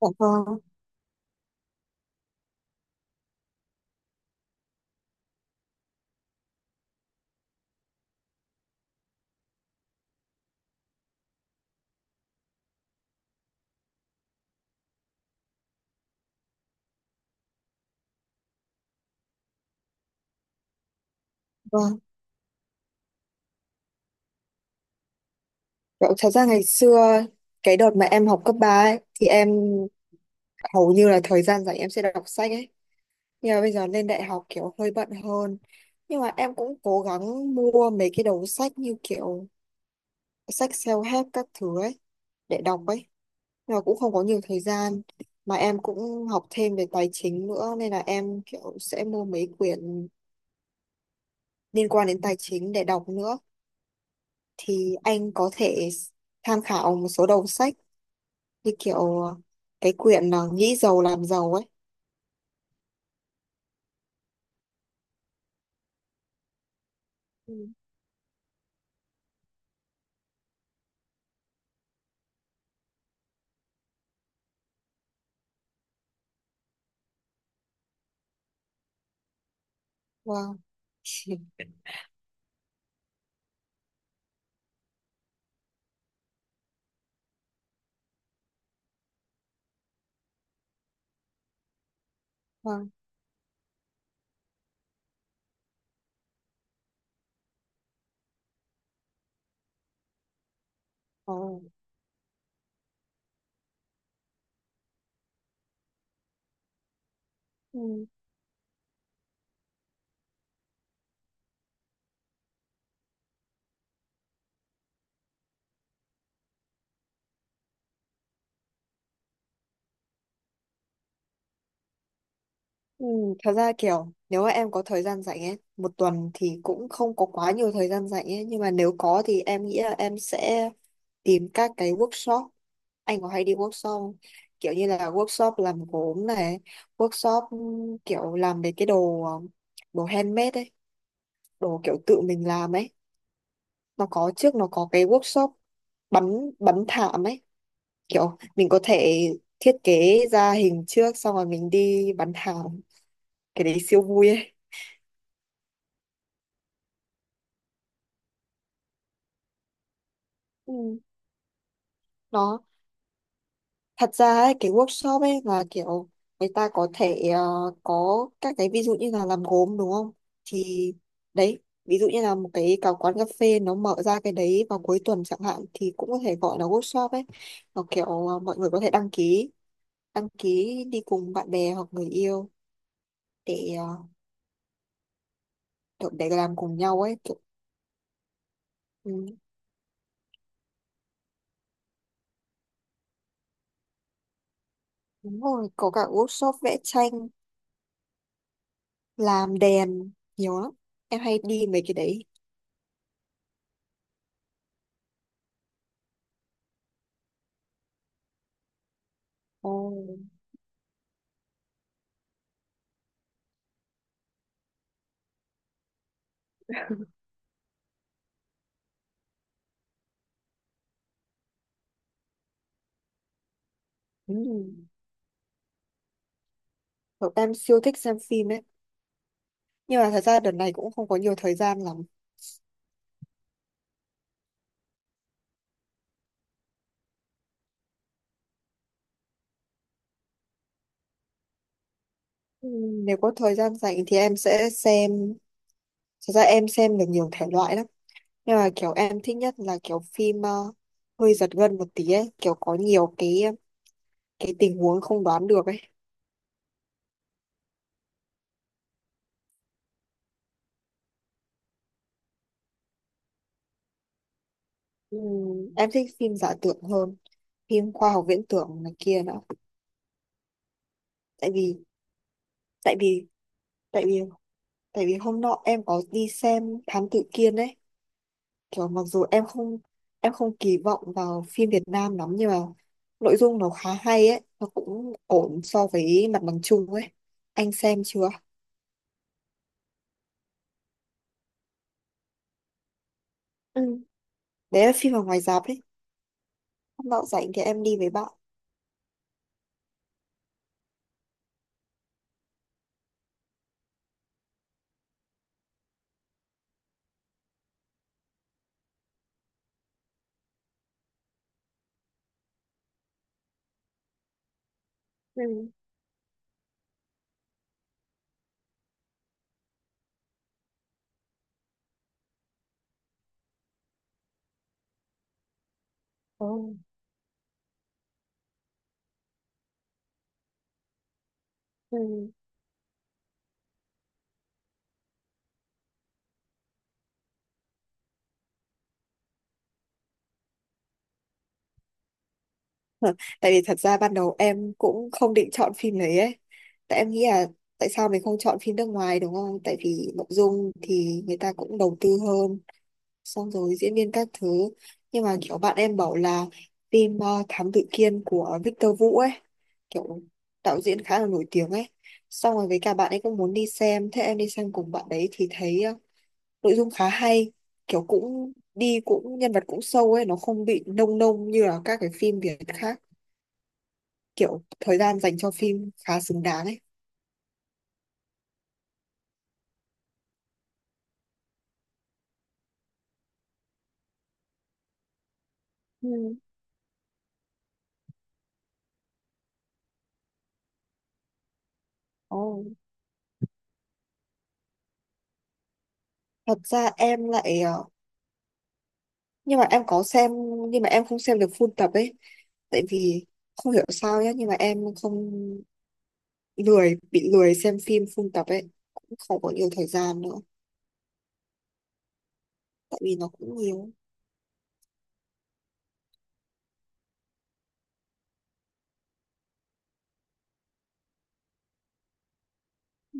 Dạ vâng, vâng. Dạ, thật ra ngày xưa cái đợt mà em học cấp 3 ấy, thì em hầu như là thời gian rảnh em sẽ đọc sách ấy. Nhưng mà bây giờ lên đại học kiểu hơi bận hơn. Nhưng mà em cũng cố gắng mua mấy cái đầu sách như kiểu sách self-help các thứ ấy để đọc ấy. Nhưng mà cũng không có nhiều thời gian. Mà em cũng học thêm về tài chính nữa nên là em kiểu sẽ mua mấy quyển liên quan đến tài chính để đọc nữa. Thì anh có thể tham khảo một số đầu sách như kiểu cái quyển là nghĩ giàu làm giàu ấy. Ừ. Wow. Vâng. Ờ. Ừ. Ừ. Thật ra kiểu nếu mà em có thời gian rảnh ấy, một tuần thì cũng không có quá nhiều thời gian rảnh ấy, nhưng mà nếu có thì em nghĩ là em sẽ tìm các cái workshop. Anh có hay đi workshop không? Kiểu như là workshop làm gốm này, workshop kiểu làm mấy cái đồ đồ handmade ấy, đồ kiểu tự mình làm ấy. Nó có trước nó có cái workshop bắn bắn thảm ấy. Kiểu mình có thể thiết kế ra hình trước xong rồi mình đi bán hàng cái đấy siêu vui ấy. Ừ. Nó thật ra ấy, cái workshop ấy là kiểu người ta có thể có các cái ví dụ như là làm gốm đúng không, thì đấy ví dụ như là một cái cả quán cà phê nó mở ra cái đấy vào cuối tuần chẳng hạn thì cũng có thể gọi là workshop ấy, nó kiểu mọi người có thể đăng ký đi cùng bạn bè hoặc người yêu để kiểu để làm cùng nhau ấy kiểu. Ừ. Đúng rồi, có cả workshop vẽ tranh, làm đèn, nhiều lắm. Em hay đi mấy cái đấy. Ồ. Ừ. Cậu em siêu thích xem phim ấy. Nhưng mà thật ra đợt này cũng không có nhiều thời gian lắm. Ừ, nếu có thời gian rảnh thì em sẽ xem, thật ra em xem được nhiều thể loại lắm. Nhưng mà kiểu em thích nhất là kiểu phim hơi giật gân một tí ấy, kiểu có nhiều cái tình huống không đoán được ấy. Ừ, em thích phim giả tưởng hơn, phim khoa học viễn tưởng này kia nữa. Tại vì, tại vì tại vì tại vì hôm nọ em có đi xem Thám Tử Kiên ấy, kiểu mặc dù em không kỳ vọng vào phim Việt Nam lắm, nhưng mà nội dung nó khá hay ấy, nó cũng ổn so với mặt bằng chung ấy. Anh xem chưa? Ừ, đấy là phim ở ngoài rạp đấy. Hôm nọ rảnh thì em đi với bạn. Ừ. Ồ. Ừ. Tại vì thật ra ban đầu em cũng không định chọn phim đấy ấy, tại em nghĩ là tại sao mình không chọn phim nước ngoài đúng không, tại vì nội dung thì người ta cũng đầu tư hơn, xong rồi diễn viên các thứ. Nhưng mà kiểu bạn em bảo là phim Thám Tử Kiên của Victor Vũ ấy, kiểu đạo diễn khá là nổi tiếng ấy, xong rồi với cả bạn ấy cũng muốn đi xem, thế em đi xem cùng bạn đấy thì thấy nội dung khá hay, kiểu cũng đi cũng nhân vật cũng sâu ấy, nó không bị nông nông như là các cái phim Việt khác, kiểu thời gian dành cho phim khá xứng đáng ấy. Ừ. Ồ, thật ra em lại nhưng mà em có xem, nhưng mà em không xem được full tập ấy, tại vì không hiểu sao nhé, nhưng mà em không lười bị lười xem phim full tập ấy, cũng không có nhiều thời gian nữa, tại vì nó cũng nhiều. Ừ,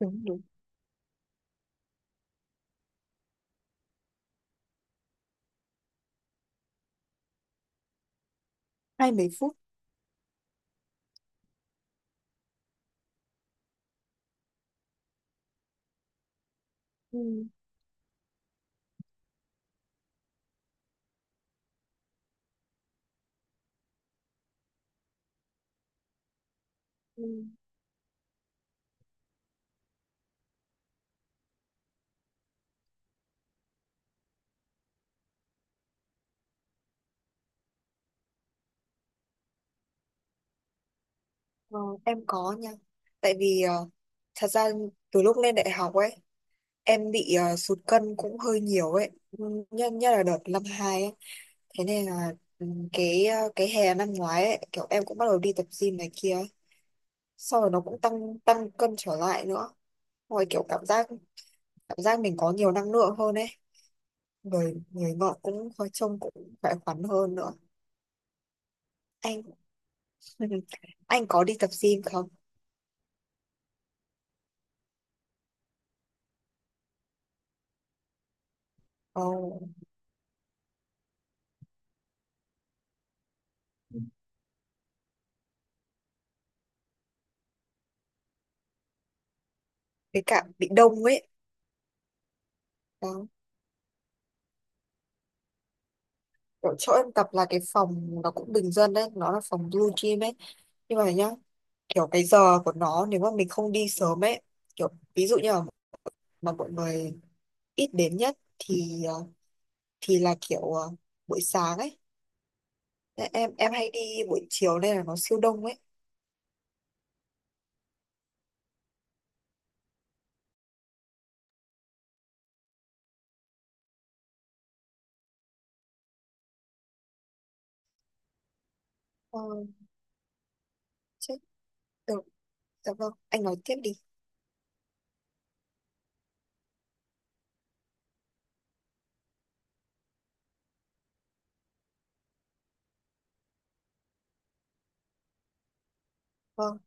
đúng đúng. Hai mấy phút. Ừ, ừ. Ờ, em có nha. Tại vì thật ra từ lúc lên đại học ấy em bị sụt cân cũng hơi nhiều ấy. Ừ, nhất nhất là đợt năm hai ấy, thế nên là ừ, cái hè năm ngoái ấy kiểu em cũng bắt đầu đi tập gym này kia ấy. Sau rồi nó cũng tăng tăng cân trở lại nữa, rồi kiểu cảm giác mình có nhiều năng lượng hơn ấy, người người ngọ cũng hơi trông cũng khỏe khoắn hơn nữa. Anh. Anh có đi tập gym không? Ồ, với cả bị đông ấy đó. Kiểu chỗ em tập là cái phòng nó cũng bình dân đấy, nó là phòng blue gym ấy, nhưng mà nhá, kiểu cái giờ của nó nếu mà mình không đi sớm ấy, kiểu ví dụ như là mà mọi người ít đến nhất thì thì là kiểu buổi sáng ấy. Thế em hay đi buổi chiều nên là nó siêu đông ấy. Ờ, chết. Được. Dạ vâng, anh nói tiếp đi. Vâng,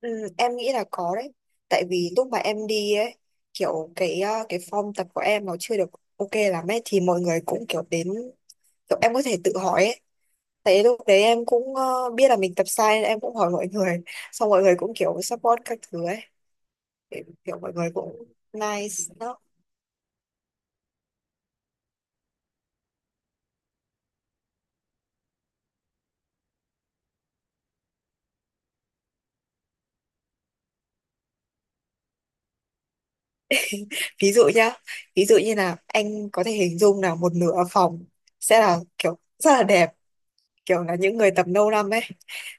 ừ, em nghĩ là có đấy. Tại vì lúc mà em đi ấy, kiểu cái form tập của em nó chưa được ok lắm ấy, thì mọi người cũng kiểu đến, kiểu em có thể tự hỏi ấy. Tại lúc đấy em cũng biết là mình tập sai nên em cũng hỏi mọi người. Xong mọi người cũng kiểu support các thứ ấy. Kiểu kiểu mọi người cũng nice đó. Ví dụ nhá, ví dụ như là anh có thể hình dung là một nửa phòng sẽ là kiểu rất là đẹp. Kiểu là những người tập lâu năm ấy,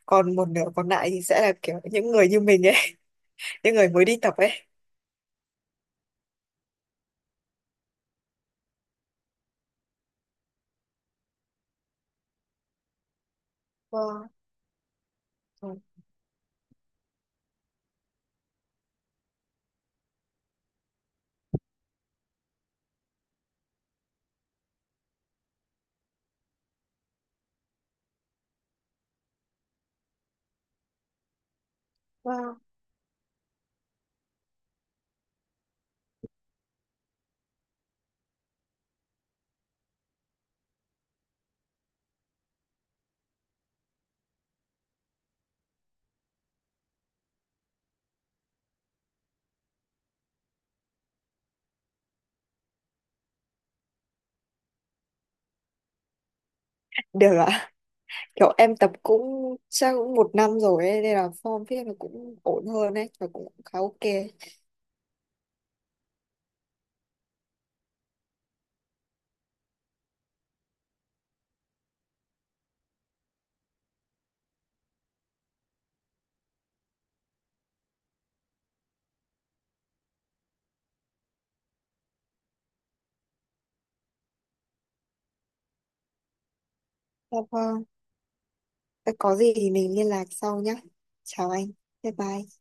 còn một nửa còn lại thì sẽ là kiểu những người như mình ấy, những người mới đi tập ấy. Wow, wow. Được ạ, kiểu em tập cũng chắc cũng một năm rồi ấy nên là form viết nó cũng ổn hơn ấy và cũng khá ok. Dạ vâng. Thế có gì thì mình liên lạc sau nhé. Chào anh. Bye bye.